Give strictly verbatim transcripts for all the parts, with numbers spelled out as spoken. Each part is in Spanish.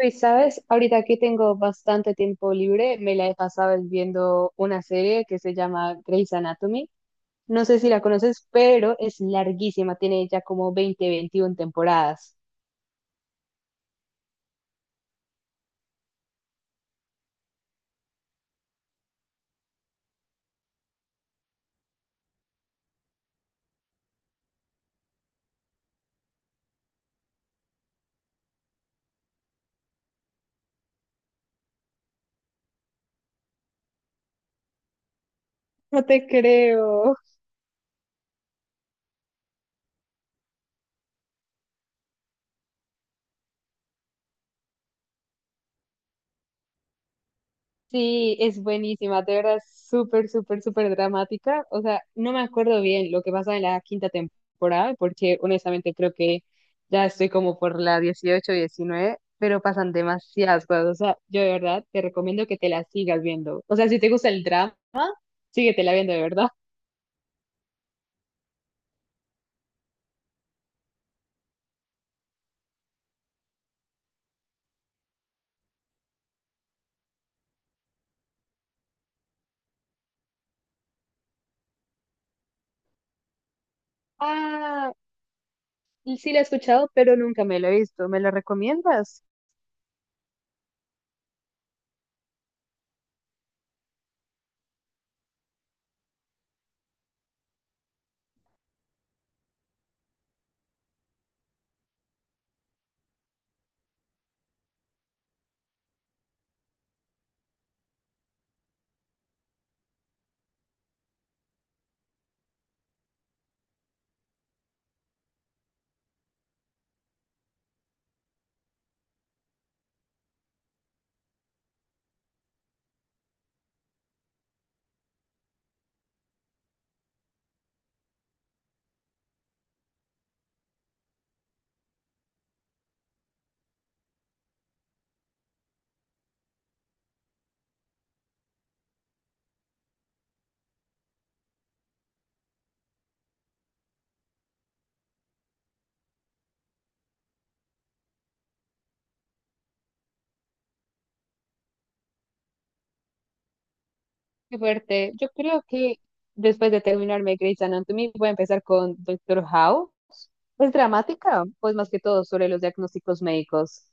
Y sabes, ahorita que tengo bastante tiempo libre, me la he pasado viendo una serie que se llama Grey's Anatomy. No sé si la conoces, pero es larguísima, tiene ya como veinte, veintiuna temporadas. No te creo. Sí, es buenísima, de verdad, súper, súper, súper dramática. O sea, no me acuerdo bien lo que pasa en la quinta temporada, porque honestamente creo que ya estoy como por la dieciocho, diecinueve, pero pasan demasiadas cosas. O sea, yo de verdad te recomiendo que te la sigas viendo. O sea, si te gusta el drama, síguetela viendo, de verdad. Ah, y sí la he escuchado, pero nunca me la he visto. ¿Me la recomiendas? Qué fuerte. Yo creo que después de terminarme Grey's Anatomy, voy a empezar con Doctor Howe, pues dramática, pues más que todo sobre los diagnósticos médicos.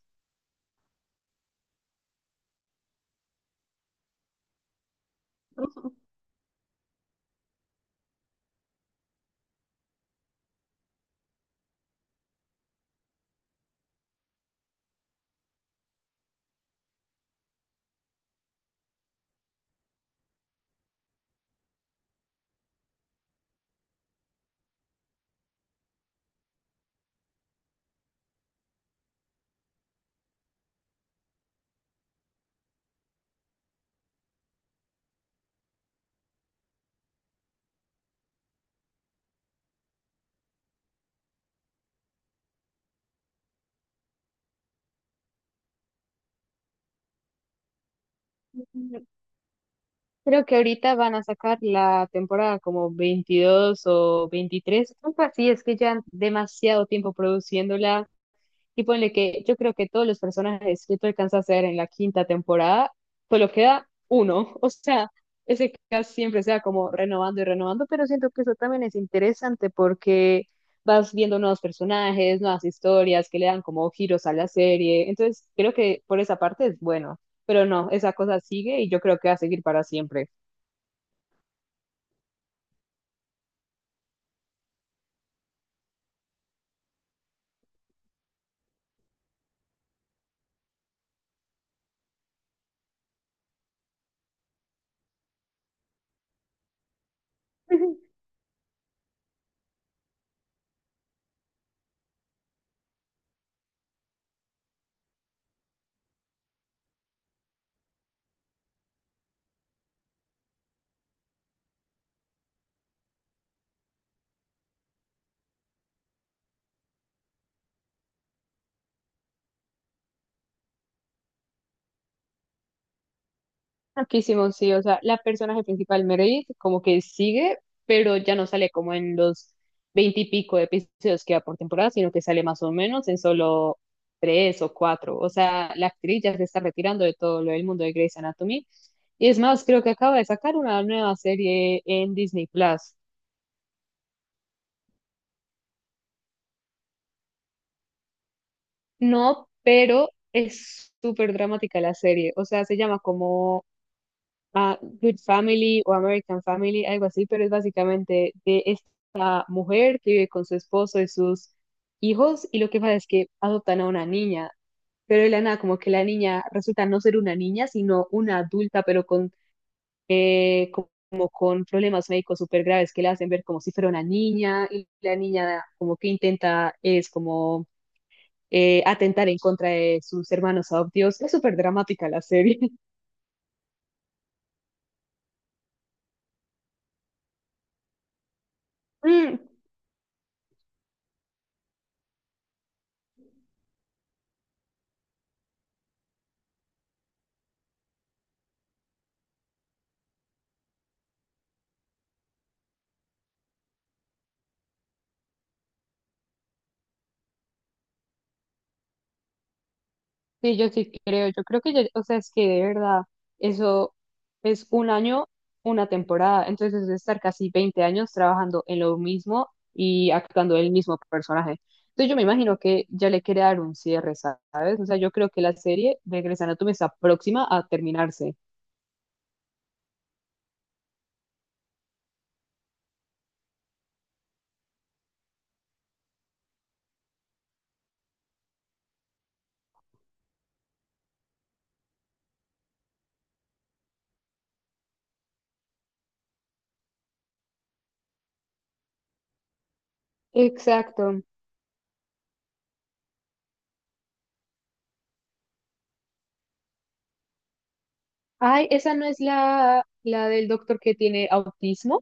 Creo que ahorita van a sacar la temporada como veintidós o veintitrés, algo así, es que ya demasiado tiempo produciéndola. Y ponle que yo creo que todos los personajes que tú alcanzas a hacer en la quinta temporada, solo queda uno. O sea, ese cast siempre sea como renovando y renovando, pero siento que eso también es interesante porque vas viendo nuevos personajes, nuevas historias que le dan como giros a la serie. Entonces, creo que por esa parte es bueno, pero no, esa cosa sigue y yo creo que va a seguir para siempre. Loquísimo, sí, o sea, la personaje principal, Meredith, como que sigue, pero ya no sale como en los veinte y veintipico episodios que va por temporada, sino que sale más o menos en solo tres o cuatro. O sea, la actriz ya se está retirando de todo lo del mundo de Grey's Anatomy. Y es más, creo que acaba de sacar una nueva serie en Disney Plus. No, pero es súper dramática la serie. O sea, se llama como A Good Family o American Family, algo así, pero es básicamente de mujer que vive con su esposo y sus hijos, y lo que pasa es que adoptan a una niña, pero de la nada como que la niña resulta no ser una niña, sino una adulta, pero con, eh, como con problemas médicos súper graves que la hacen ver como si fuera una niña, y la niña como que intenta es como eh, atentar en contra de sus hermanos adoptivos. Es súper dramática la serie. Mm. Sí, yo sí creo, yo creo que, ya- o sea, es que de verdad, eso es un año, una temporada, entonces es estar casi veinte años trabajando en lo mismo y actuando el mismo personaje. Entonces yo me imagino que ya le quiere dar un cierre, ¿sabes? O sea, yo creo que la serie de Grey's Anatomy está próxima a terminarse. Exacto. Ay, esa no es la, la del doctor que tiene autismo.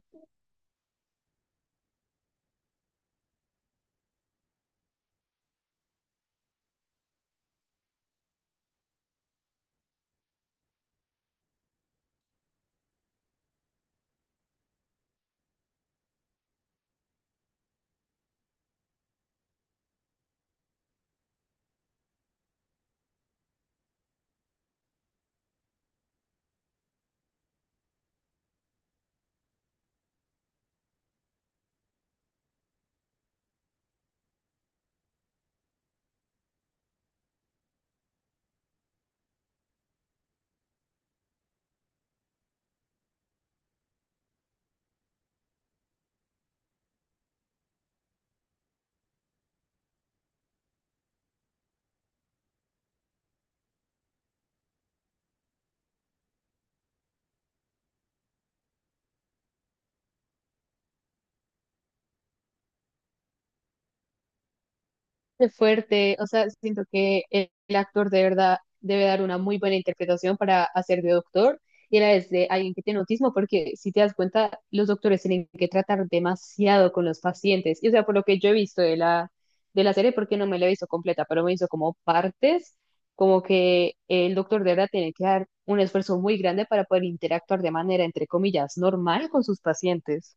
Qué fuerte, o sea, siento que el, el actor de verdad debe dar una muy buena interpretación para hacer de doctor y a la vez de alguien que tiene autismo, porque si te das cuenta, los doctores tienen que tratar demasiado con los pacientes. Y o sea, por lo que yo he visto de la, de la serie, porque no me la he visto completa, pero me hizo como partes, como que el doctor de verdad tiene que dar un esfuerzo muy grande para poder interactuar de manera, entre comillas, normal con sus pacientes.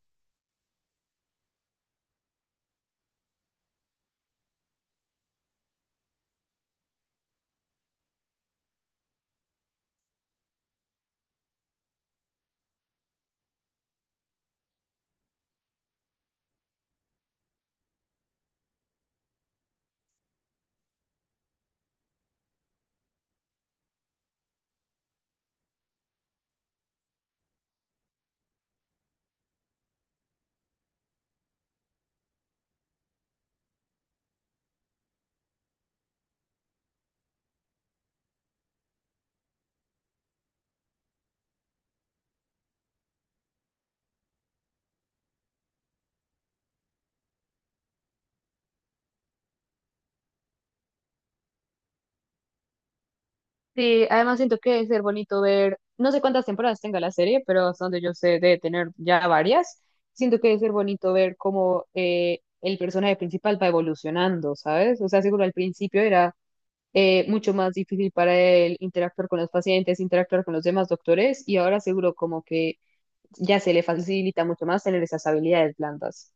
Sí, además siento que debe ser bonito ver, no sé cuántas temporadas tenga la serie, pero hasta donde yo sé debe tener ya varias. Siento que debe ser bonito ver cómo eh, el personaje principal va evolucionando, ¿sabes? O sea, seguro al principio era eh, mucho más difícil para él interactuar con los pacientes, interactuar con los demás doctores, y ahora seguro como que ya se le facilita mucho más tener esas habilidades blandas.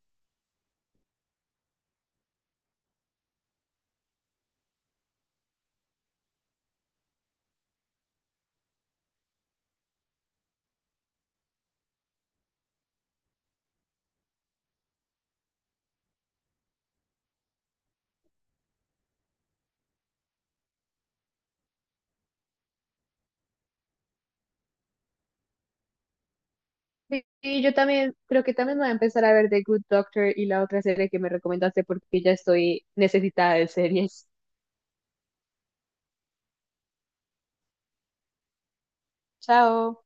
Sí, sí, yo también creo que también voy a empezar a ver The Good Doctor y la otra serie que me recomendaste porque ya estoy necesitada de series. Chao.